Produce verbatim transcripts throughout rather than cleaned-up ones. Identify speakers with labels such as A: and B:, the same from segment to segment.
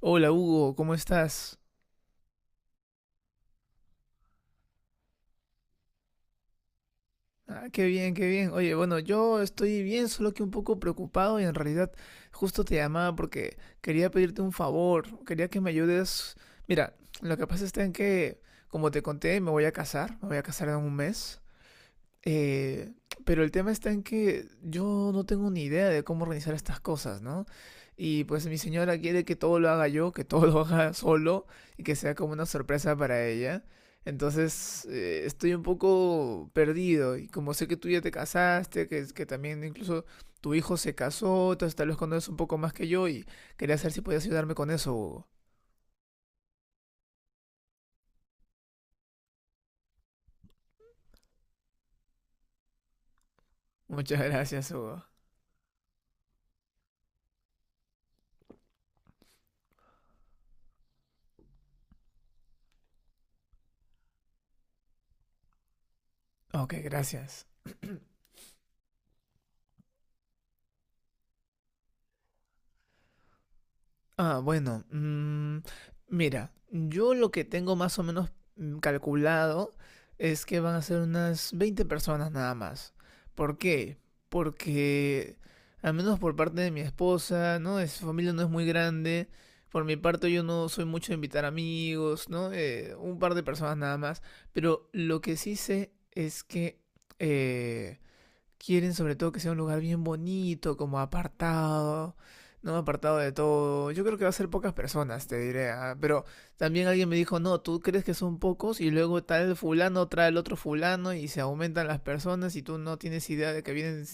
A: Hola, Hugo, ¿cómo estás? Ah, qué bien, qué bien. Oye, bueno, yo estoy bien, solo que un poco preocupado y en realidad justo te llamaba porque quería pedirte un favor, quería que me ayudes. Mira, lo que pasa está en que, como te conté, me voy a casar, me voy a casar en un mes. Eh, pero el tema está en que yo no tengo ni idea de cómo organizar estas cosas, ¿no? Y pues mi señora quiere que todo lo haga yo, que todo lo haga solo y que sea como una sorpresa para ella. Entonces, eh, estoy un poco perdido y como sé que tú ya te casaste, que, que también incluso tu hijo se casó, entonces tal vez conoces un poco más que yo y quería saber si podías ayudarme con eso, Hugo. Muchas gracias, Hugo. Ok, gracias. Ah, bueno, mm, mira, yo lo que tengo más o menos mm, calculado es que van a ser unas veinte personas nada más. ¿Por qué? Porque, al menos por parte de mi esposa, ¿no? Es, su familia no es muy grande. Por mi parte, yo no soy mucho de invitar amigos, ¿no? Eh, un par de personas nada más. Pero lo que sí sé es que eh, quieren sobre todo que sea un lugar bien bonito, como apartado, ¿no? Apartado de todo. Yo creo que va a ser pocas personas, te diré, ah. Pero también alguien me dijo, no, tú crees que son pocos y luego tal fulano trae el otro fulano y se aumentan las personas y tú no tienes idea de que vienen,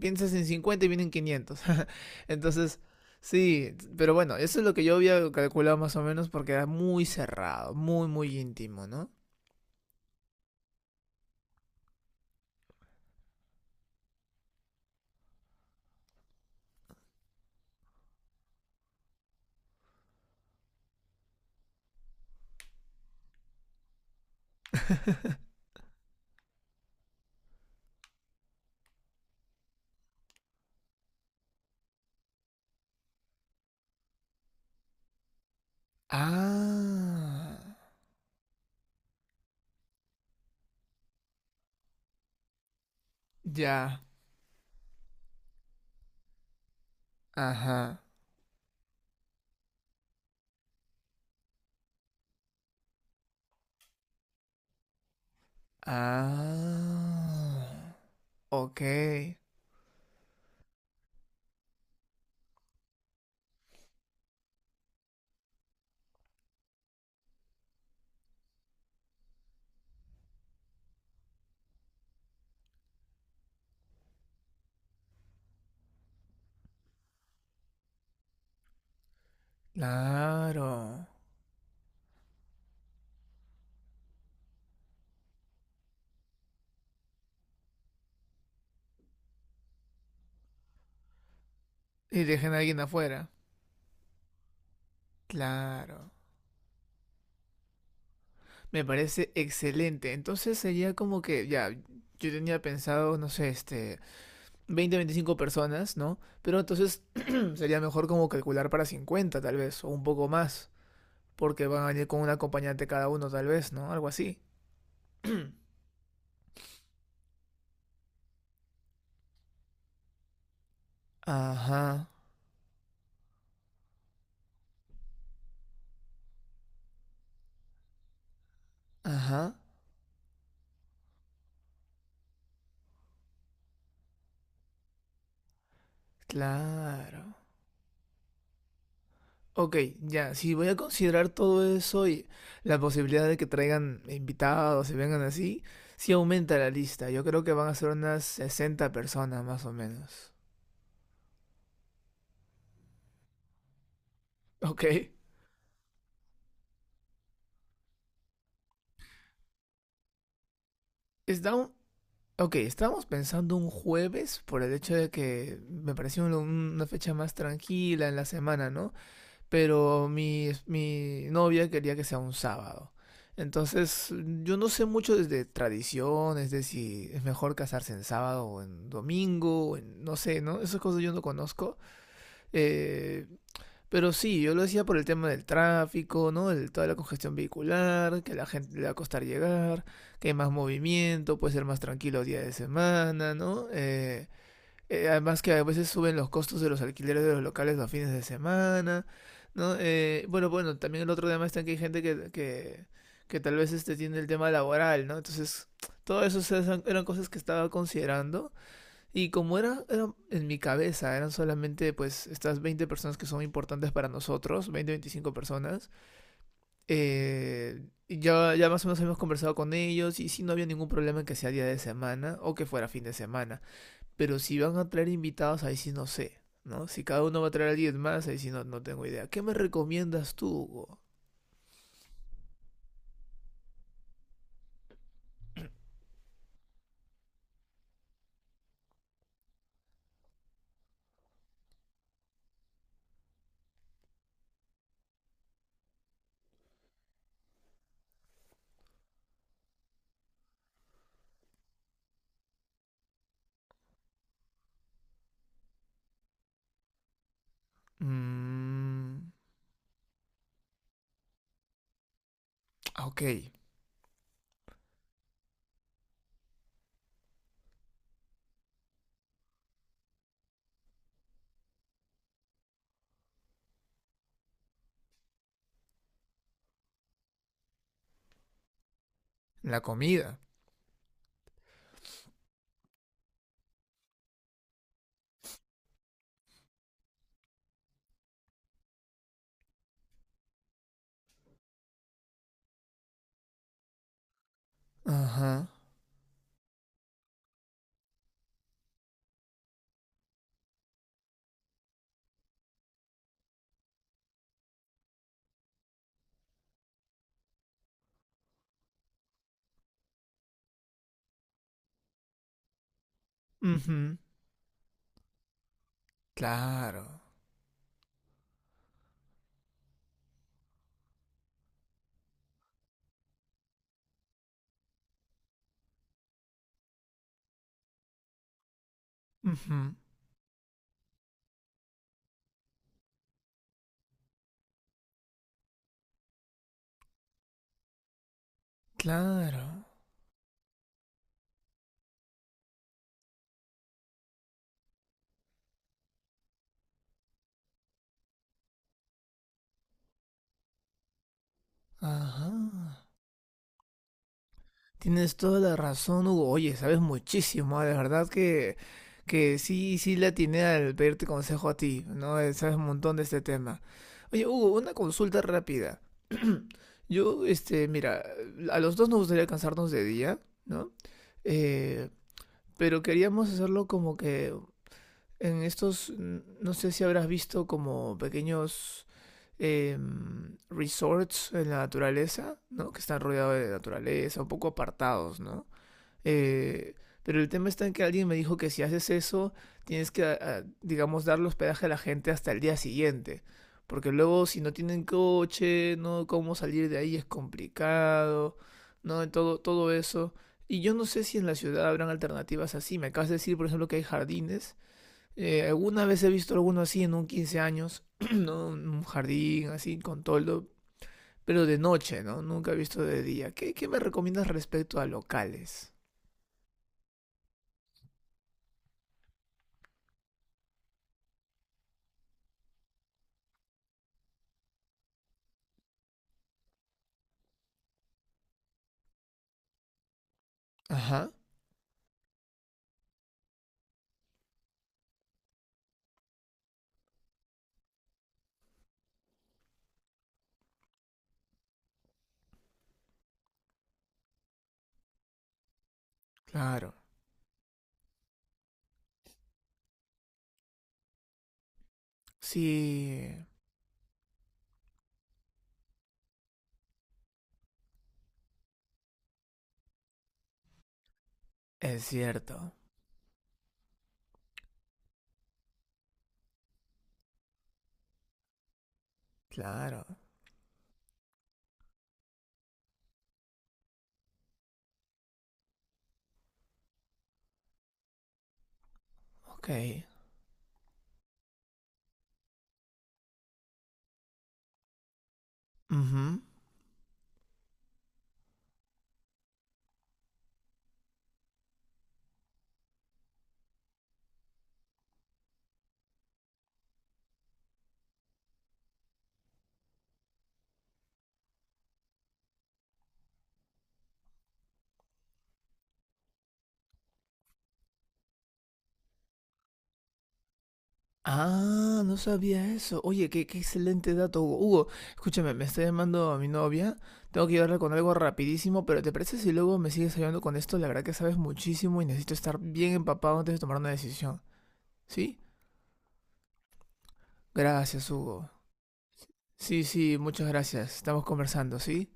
A: piensas en cincuenta y vienen quinientos. Entonces, sí, pero bueno, eso es lo que yo había calculado más o menos porque era muy cerrado, muy, muy íntimo, ¿no? Ah, ya, ajá. Ah, ok, claro. Y dejen a alguien afuera. Claro. Me parece excelente. Entonces sería como que, ya, yo tenía pensado, no sé, este, veinte veinticinco personas, ¿no? Pero entonces sería mejor como calcular para cincuenta tal vez, o un poco más, porque van a venir con un acompañante cada uno tal vez, ¿no? Algo así. Ajá, ajá, claro. Ok, ya, si voy a considerar todo eso y la posibilidad de que traigan invitados y vengan así, sí aumenta la lista. Yo creo que van a ser unas sesenta personas más o menos. Ok, está un- ok, estábamos pensando un jueves por el hecho de que me pareció un- una fecha más tranquila en la semana, ¿no? Pero mi, mi novia quería que sea un sábado. Entonces, yo no sé mucho de tradiciones, de si es mejor casarse en sábado o en domingo, o en- no sé, ¿no? Esas cosas yo no conozco. Eh, pero sí, yo lo decía por el tema del tráfico, ¿no? El, toda la congestión vehicular, que a la gente le va a costar llegar, que hay más movimiento, puede ser más tranquilo día de semana, ¿no? Eh, eh, además que a veces suben los costos de los alquileres de los locales a fines de semana, ¿no? Eh, bueno, bueno, también el otro tema está en que hay gente que, que, que tal vez este tiene el tema laboral, ¿no? Entonces, todo eso se- eran, eran cosas que estaba considerando y como era, eran en mi cabeza, eran solamente pues estas veinte personas que son importantes para nosotros, veinte veinticinco personas, eh, y ya, ya más o menos hemos conversado con ellos y sí no había ningún problema en que sea día de semana o que fuera fin de semana. Pero si van a traer invitados, ahí sí no sé, ¿no? Si cada uno va a traer a alguien más, ahí sí no, no tengo idea. ¿Qué me recomiendas tú, Hugo? Mmm. Ok. La comida. Ajá. Ujú. Claro. Ujú. Claro. Ajá. Tienes toda la razón, Hugo. Oye, sabes muchísimo, ¿ah? De verdad que, que sí, sí le atiné al pedirte consejo a ti, ¿no? Eh, Sabes un montón de este tema. Oye, Hugo, una consulta rápida. Yo, este, mira, a los dos nos gustaría cansarnos de día, ¿no? Eh, pero queríamos hacerlo como que en estos, n- no sé si habrás visto como pequeños em, resorts en la naturaleza, ¿no? Que están rodeados de naturaleza, un poco apartados, ¿no? Eh, pero el tema está en que alguien me dijo que si haces eso, tienes que, a- a, digamos, darle hospedaje a la gente hasta el día siguiente. Porque luego si no tienen coche, no, cómo salir de ahí es complicado, no, todo, todo eso. Y yo no sé si en la ciudad habrán alternativas así. Me acabas de decir, por ejemplo, que hay jardines. Eh, alguna vez he visto alguno así en un quince años, ¿no? Un jardín así con toldo, pero de noche, ¿no? Nunca he visto de día. ¿Qué, qué me recomiendas respecto a locales? Ajá. Claro. Sí, es cierto. Claro. Ok. Ujú. Ah, no sabía eso. Oye, qué, qué excelente dato, Hugo. Hugo, escúchame, me está llamando a mi novia. Tengo que ayudarla con algo rapidísimo, pero ¿te parece si luego me sigues ayudando con esto? La verdad que sabes muchísimo y necesito estar bien empapado antes de tomar una decisión. ¿Sí? Gracias, Hugo. Sí, sí, muchas gracias. Estamos conversando, ¿sí?